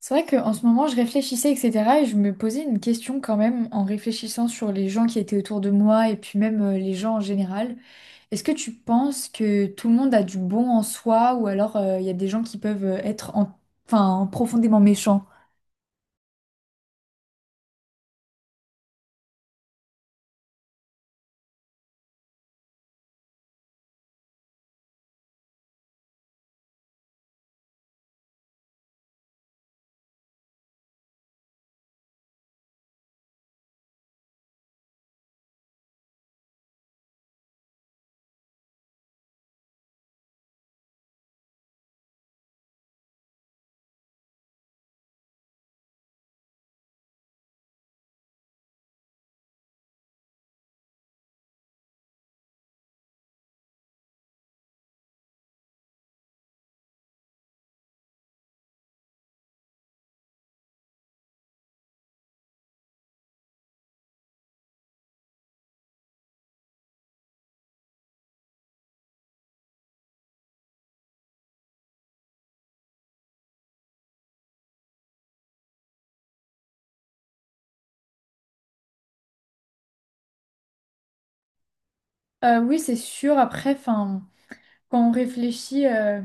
C'est vrai qu'en ce moment, je réfléchissais, etc. Et je me posais une question quand même en réfléchissant sur les gens qui étaient autour de moi et puis même les gens en général. Est-ce que tu penses que tout le monde a du bon en soi ou alors il y a des gens qui peuvent enfin, profondément méchants? Oui, c'est sûr. Après, enfin, quand on réfléchit,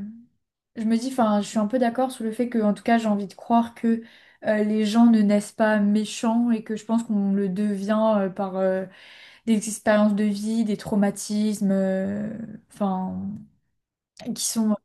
je me dis, enfin, je suis un peu d'accord sur le fait que, en tout cas, j'ai envie de croire que les gens ne naissent pas méchants et que je pense qu'on le devient par, des expériences de vie, des traumatismes, enfin, qui sont...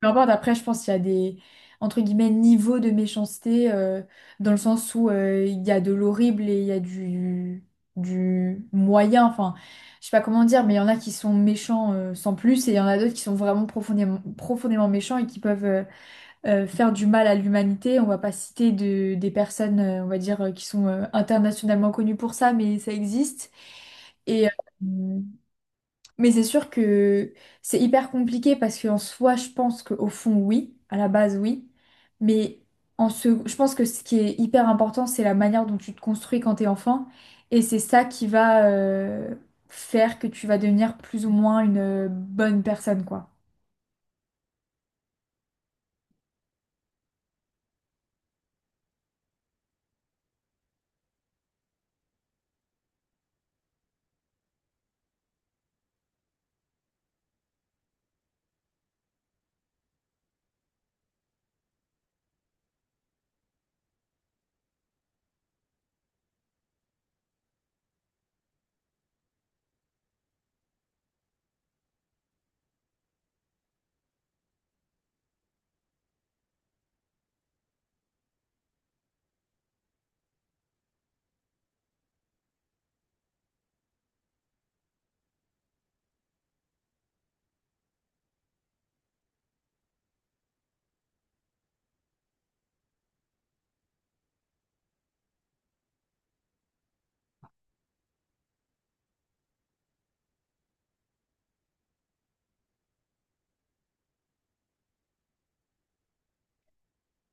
Peu importe, après, je pense qu'il y a entre guillemets, niveaux de méchanceté, dans le sens où il y a de l'horrible et il y a du moyen, enfin, je sais pas comment dire, mais il y en a qui sont méchants sans plus, et il y en a d'autres qui sont vraiment profondément, profondément méchants et qui peuvent faire du mal à l'humanité. On va pas citer des personnes, on va dire, qui sont internationalement connues pour ça, mais ça existe. Et, euh, mais c'est sûr que c'est hyper compliqué parce qu'en soi, je pense qu'au fond, oui, à la base, oui. Mais en se... je pense que ce qui est hyper important, c'est la manière dont tu te construis quand t'es enfant. Et c'est ça qui va faire que tu vas devenir plus ou moins une bonne personne, quoi.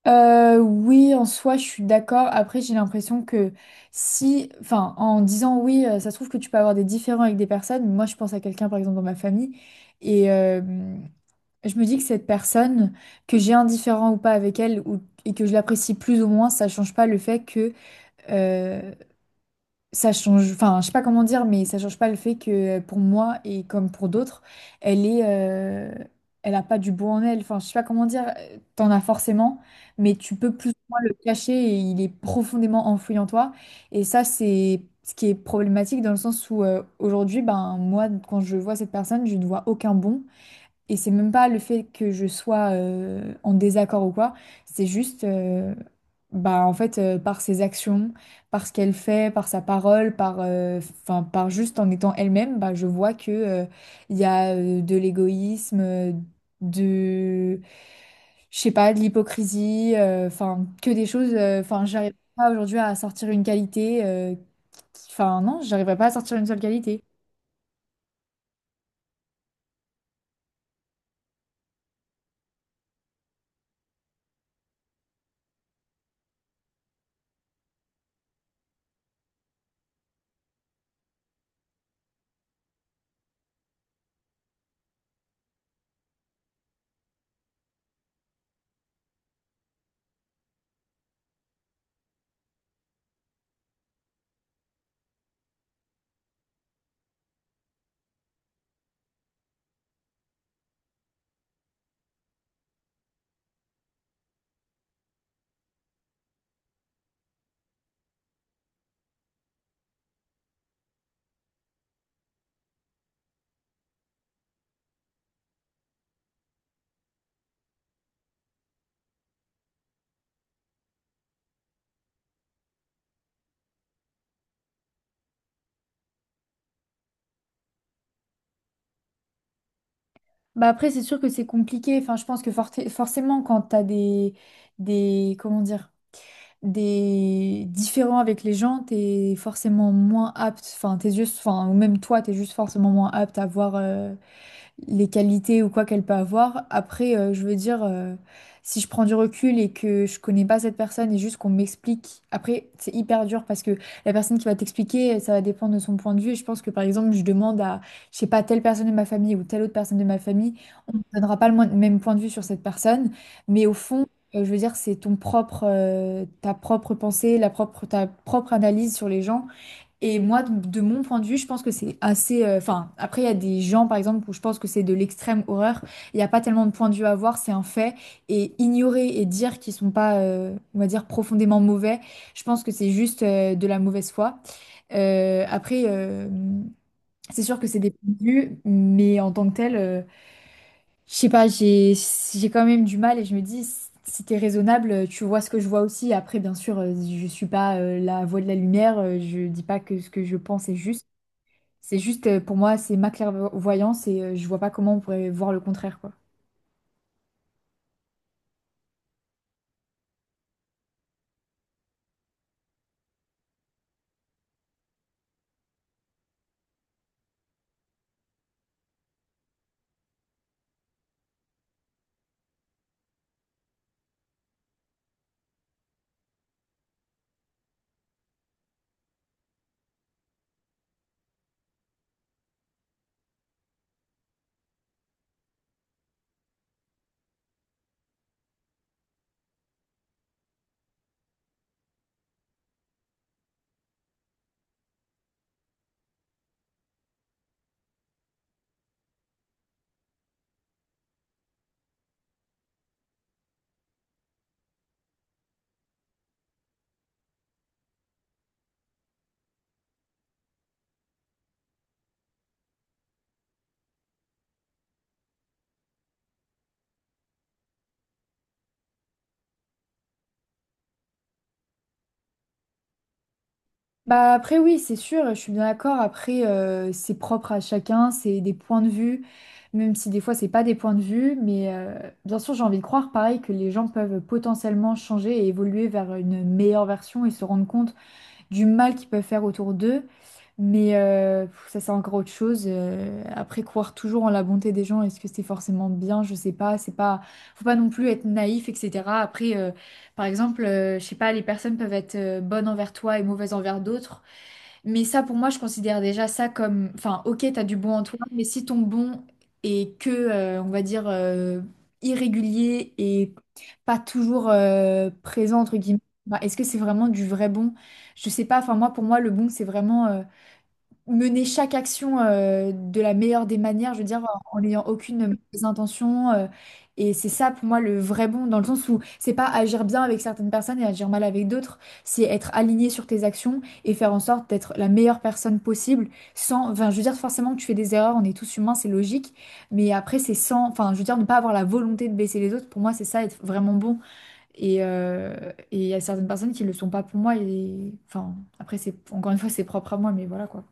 Oui, en soi, je suis d'accord. Après, j'ai l'impression que si, enfin, en disant oui, ça se trouve que tu peux avoir des différends avec des personnes. Moi, je pense à quelqu'un, par exemple, dans ma famille, et, euh, je me dis que cette personne, que j'ai un différend ou pas avec elle, ou, et que je l'apprécie plus ou moins, ça change pas le fait que euh, ça change. Enfin, je sais pas comment dire, mais ça change pas le fait que pour moi et comme pour d'autres, elle est, elle a pas du beau en elle. Enfin, je sais pas comment dire. T'en as forcément, mais tu peux plus ou moins le cacher et il est profondément enfoui en toi. Et ça, c'est ce qui est problématique dans le sens où aujourd'hui, ben moi, quand je vois cette personne, je ne vois aucun bon. Et c'est même pas le fait que je sois en désaccord ou quoi, c'est juste, bah en fait, par ses actions, par ce qu'elle fait, par sa parole, 'fin, par juste en étant elle-même, bah je vois que il y a de l'égoïsme, de, je sais pas, de l'hypocrisie, enfin que des choses, enfin j'arrive pas aujourd'hui à sortir une qualité, enfin non, j'arriverai pas à sortir une seule qualité. Bah après, c'est sûr que c'est compliqué. Enfin, je pense que forcément, quand t'as comment dire, des différends avec les gens, t'es forcément moins apte. Enfin, tes yeux, enfin, ou même toi, t'es juste forcément moins apte à voir. Les qualités ou quoi qu'elle peut avoir. Après, je veux dire, si je prends du recul et que je connais pas cette personne et juste qu'on m'explique, après, c'est hyper dur parce que la personne qui va t'expliquer, ça va dépendre de son point de vue. Et je pense que par exemple, je demande à, je sais pas, telle personne de ma famille ou telle autre personne de ma famille, on ne donnera pas le même point de vue sur cette personne, mais au fond, je veux dire, c'est ton propre, ta propre pensée, ta propre analyse sur les gens. Et moi, de mon point de vue, je pense que c'est assez. Enfin, après, il y a des gens, par exemple, où je pense que c'est de l'extrême horreur. Il n'y a pas tellement de point de vue à avoir, c'est un fait. Et ignorer et dire qu'ils sont pas, on va dire, profondément mauvais, je pense que c'est juste de la mauvaise foi. Euh, après, euh, c'est sûr que c'est des points de vue, mais en tant que tel, je sais pas, j'ai quand même du mal et je me dis. Si t'es raisonnable, tu vois ce que je vois aussi. Après, bien sûr, je suis pas la voix de la lumière. Je dis pas que ce que je pense est juste. C'est juste, pour moi, c'est ma clairvoyance et je vois pas comment on pourrait voir le contraire, quoi. Bah après oui, c'est sûr, je suis bien d'accord. Après, c'est propre à chacun, c'est des points de vue, même si des fois c'est pas des points de vue, mais bien sûr j'ai envie de croire pareil que les gens peuvent potentiellement changer et évoluer vers une meilleure version et se rendre compte du mal qu'ils peuvent faire autour d'eux. Mais ça, c'est encore autre chose. Croire toujours en la bonté des gens, est-ce que c'est forcément bien? Je sais pas. C'est pas, faut pas non plus être naïf, etc. Après, par exemple, je sais pas, les personnes peuvent être bonnes envers toi et mauvaises envers d'autres. Mais ça, pour moi, je considère déjà ça comme, enfin, ok, t'as du bon en toi, mais si ton bon est que, on va dire, irrégulier et pas toujours présent, entre guillemets, bah, est-ce que c'est vraiment du vrai bon? Je sais pas, enfin, moi, pour moi, le bon, c'est vraiment mener chaque action de la meilleure des manières, je veux dire, en n'ayant aucune mauvaise intention. Et c'est ça pour moi le vrai bon, dans le sens où c'est pas agir bien avec certaines personnes et agir mal avec d'autres, c'est être aligné sur tes actions et faire en sorte d'être la meilleure personne possible sans, enfin, je veux dire, forcément que tu fais des erreurs, on est tous humains, c'est logique, mais après c'est sans, enfin, je veux dire, ne pas avoir la volonté de baisser les autres, pour moi c'est ça, être vraiment bon. Et il y a certaines personnes qui le sont pas pour moi, et enfin, après c'est, encore une fois, c'est propre à moi, mais voilà quoi.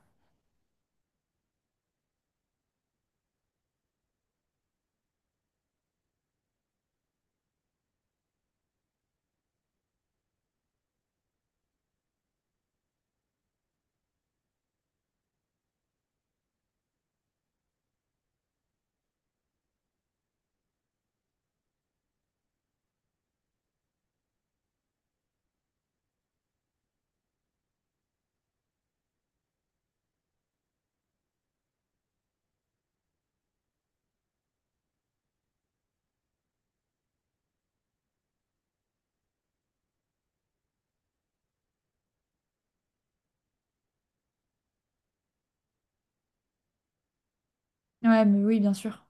Ouais, mais oui, bien sûr.